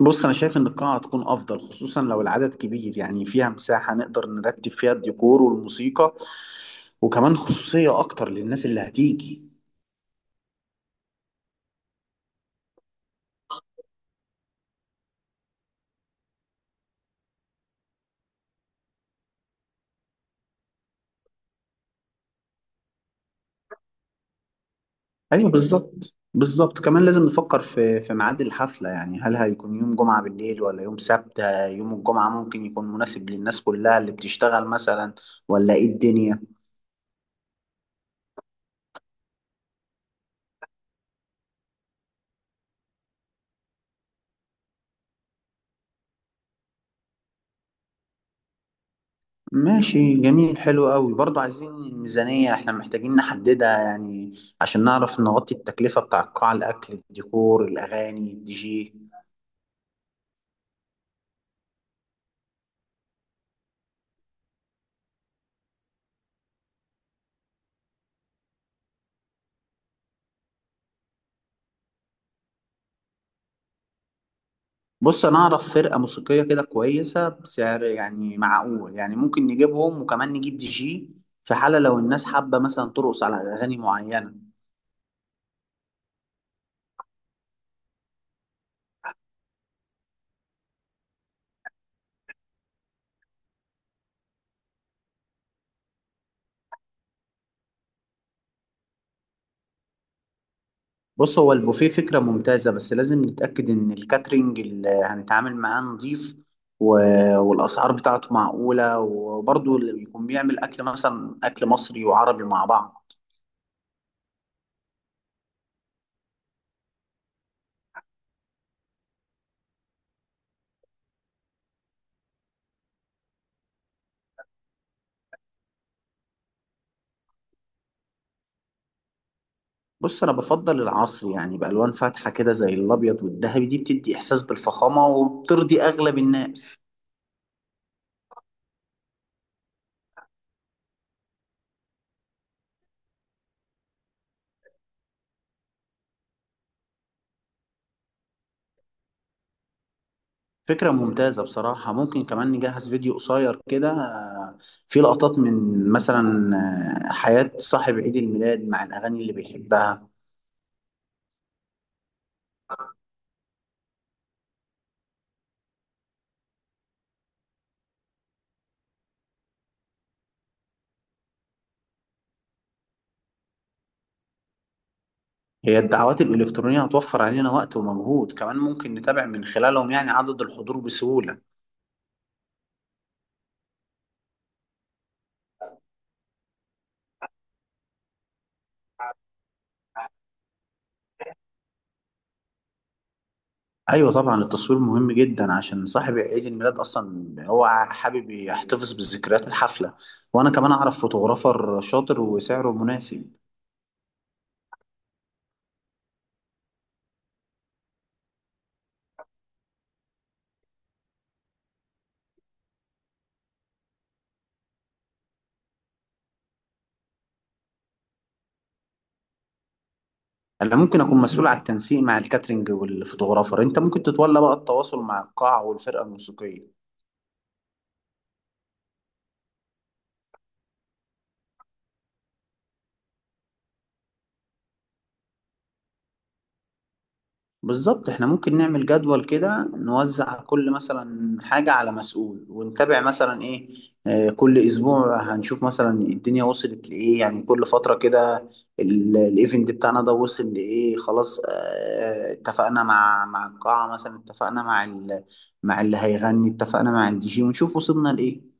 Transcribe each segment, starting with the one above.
بص انا شايف ان القاعه هتكون افضل خصوصا لو العدد كبير، يعني فيها مساحه نقدر نرتب فيها الديكور والموسيقى، وكمان خصوصيه اكتر للناس اللي هتيجي. ايوه بالظبط بالظبط، كمان لازم نفكر في ميعاد الحفله، يعني هل هيكون يوم جمعه بالليل ولا يوم سبت؟ يوم الجمعه ممكن يكون مناسب للناس كلها اللي بتشتغل مثلا، ولا ايه الدنيا؟ ماشي جميل حلو قوي، برضو عايزين الميزانية احنا محتاجين نحددها يعني، عشان نعرف نغطي التكلفة بتاع القاعة، الأكل، الديكور، الأغاني، الدي جي. بص أنا أعرف فرقة موسيقية كده كويسة بسعر يعني معقول، يعني ممكن نجيبهم وكمان نجيب دي جي في حالة لو الناس حابة مثلا ترقص على أغاني معينة. بص هو البوفيه فكرة ممتازة، بس لازم نتأكد إن الكاترينج اللي هنتعامل معاه نضيف و... والأسعار بتاعته معقولة، وبرضه اللي بيكون بيعمل أكل مثلا أكل مصري وعربي مع بعض. بص أنا بفضل العصر، يعني بألوان فاتحة كده زي الأبيض والذهبي، دي بتدي إحساس بالفخامة وبترضي أغلب الناس. فكرة ممتازة بصراحة، ممكن كمان نجهز فيديو قصير كده، فيه لقطات من مثلا حياة صاحب عيد الميلاد مع الأغاني اللي بيحبها. هي الدعوات الإلكترونية هتوفر علينا وقت ومجهود، كمان ممكن نتابع من خلالهم يعني عدد الحضور بسهولة. أيوة طبعا التصوير مهم جدا، عشان صاحب عيد الميلاد أصلا هو حابب يحتفظ بذكريات الحفلة، وأنا كمان أعرف فوتوغرافر شاطر وسعره مناسب. أنا ممكن أكون مسؤول على التنسيق مع الكاترينج والفوتوغرافر، أنت ممكن تتولى بقى التواصل مع القاعة والفرقة الموسيقية. بالظبط، احنا ممكن نعمل جدول كده نوزع كل مثلا حاجة على مسؤول ونتابع مثلا ايه. كل اسبوع هنشوف مثلا الدنيا وصلت لايه، يعني كل فترة كده الايفنت بتاعنا ده وصل لايه. خلاص اتفقنا مع القاعة، مثلا اتفقنا مع مع اللي هيغني، اتفقنا مع الدي جي، ونشوف وصلنا لايه.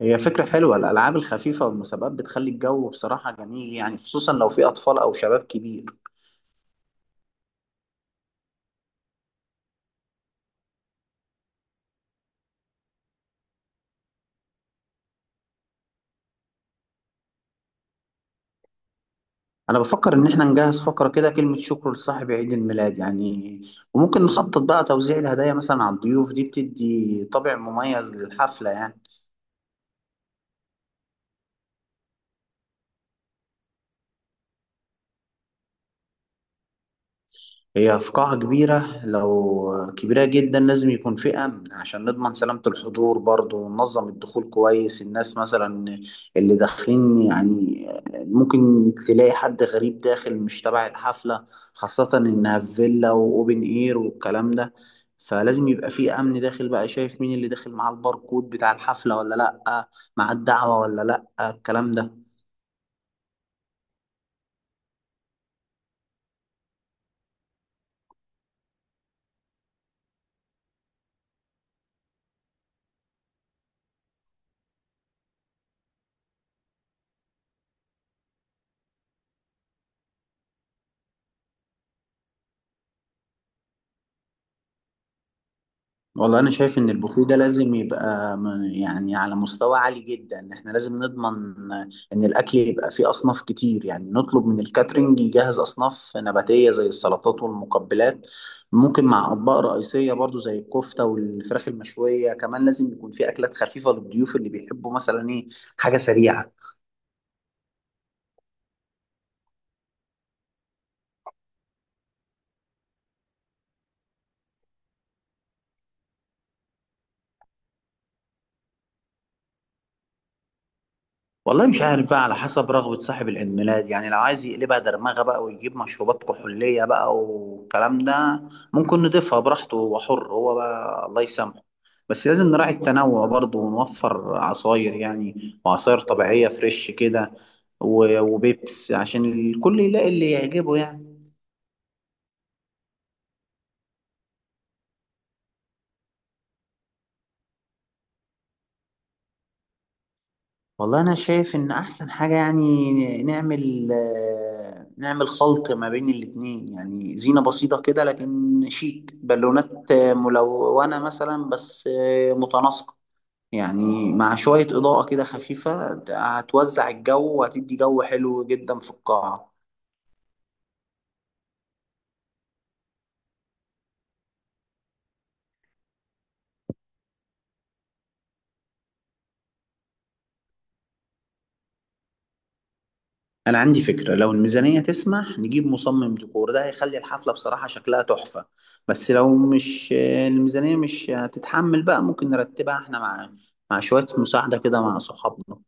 هي فكرة حلوة، الألعاب الخفيفة والمسابقات بتخلي الجو بصراحة جميل، يعني خصوصا لو في أطفال أو شباب كبير. انا بفكر ان احنا نجهز فقره كده كلمه شكر لصاحب عيد الميلاد يعني، وممكن نخطط بقى توزيع الهدايا مثلا على الضيوف، دي بتدي طابع مميز للحفله يعني. هي في قاعة كبيرة، لو كبيرة جدا لازم يكون في أمن عشان نضمن سلامة الحضور برضه، وننظم الدخول كويس، الناس مثلا اللي داخلين يعني ممكن تلاقي حد غريب داخل مش تبع الحفلة، خاصة إنها في فيلا وأوبن إير والكلام ده. فلازم يبقى في أمن داخل بقى شايف مين اللي داخل معاه الباركود بتاع الحفلة ولا لأ، مع الدعوة ولا لأ، الكلام ده. والله انا شايف ان البوفيه ده لازم يبقى يعني على مستوى عالي جدا، احنا لازم نضمن ان الاكل يبقى فيه اصناف كتير، يعني نطلب من الكاترينج يجهز اصناف نباتية زي السلطات والمقبلات، ممكن مع اطباق رئيسية برضو زي الكفتة والفراخ المشوية، كمان لازم يكون فيه اكلات خفيفة للضيوف اللي بيحبوا مثلا ايه حاجة سريعة. والله مش عارف بقى، على حسب رغبة صاحب العيد ميلاد يعني، لو عايز يقلبها درمغة بقى ويجيب مشروبات كحولية بقى والكلام ده ممكن نضيفها براحته، هو حر، هو بقى الله يسامحه. بس لازم نراعي التنوع برضه، ونوفر عصاير يعني، وعصاير طبيعية فريش كده، وبيبس عشان الكل يلاقي اللي يعجبه يعني. والله انا شايف ان احسن حاجه يعني نعمل نعمل خلط ما بين الاتنين، يعني زينه بسيطه كده لكن شيك، بالونات ملونه مثلا بس متناسقه، يعني مع شويه اضاءه كده خفيفه هتوزع الجو وهتدي جو حلو جدا في القاعه. انا عندي فكره، لو الميزانيه تسمح نجيب مصمم ديكور، ده هيخلي الحفله بصراحه شكلها تحفه، بس لو مش الميزانيه مش هتتحمل بقى ممكن نرتبها احنا مع شويه مساعده كده مع صحابنا.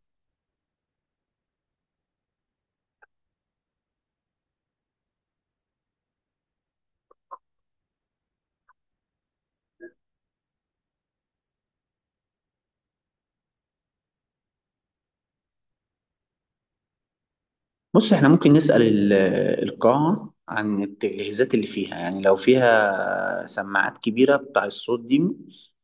بص احنا ممكن نسأل القاعة عن التجهيزات اللي فيها، يعني لو فيها سماعات كبيرة بتاع الصوت دي،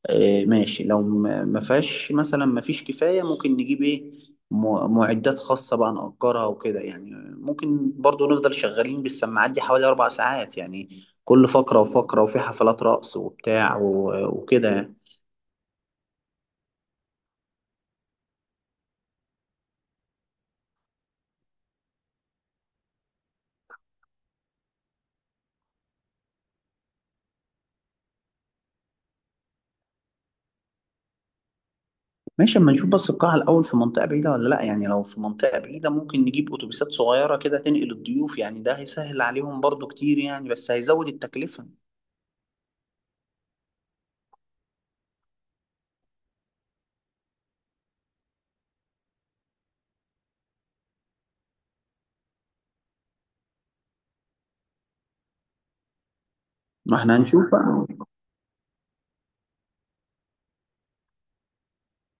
اه ماشي، لو ما فيهاش مثلا ما فيش كفاية ممكن نجيب ايه معدات خاصة بقى نأجرها وكده يعني. ممكن برضو نفضل شغالين بالسماعات دي حوالي أربع ساعات يعني، كل فقرة وفقرة، وفي حفلات رقص وبتاع وكده يعني. ماشي، اما نشوف بس القاعة الأول في منطقة بعيدة ولا لأ، يعني لو في منطقة بعيدة ممكن نجيب أتوبيسات صغيرة كده تنقل الضيوف، يعني ده هيسهل عليهم برضو كتير يعني، بس هيزود التكلفة. ما احنا هنشوف بقى،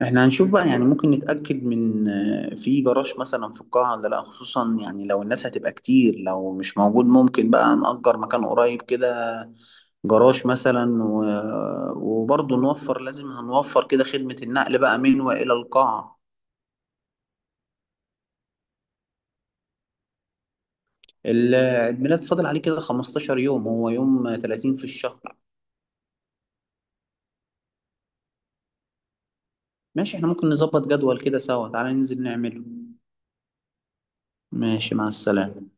احنا هنشوف بقى. يعني ممكن نتأكد من في جراج مثلا في القاعة ولا لأ، خصوصا يعني لو الناس هتبقى كتير، لو مش موجود ممكن بقى نأجر مكان قريب كده، جراج مثلا وبرضه نوفر، لازم هنوفر كده خدمة النقل بقى من وإلى القاعة. الميلاد فاضل عليه كده 15 يوم، هو يوم 30 في الشهر. ماشي احنا ممكن نظبط جدول كده سوا، تعالى ننزل نعمله. ماشي، مع السلامة.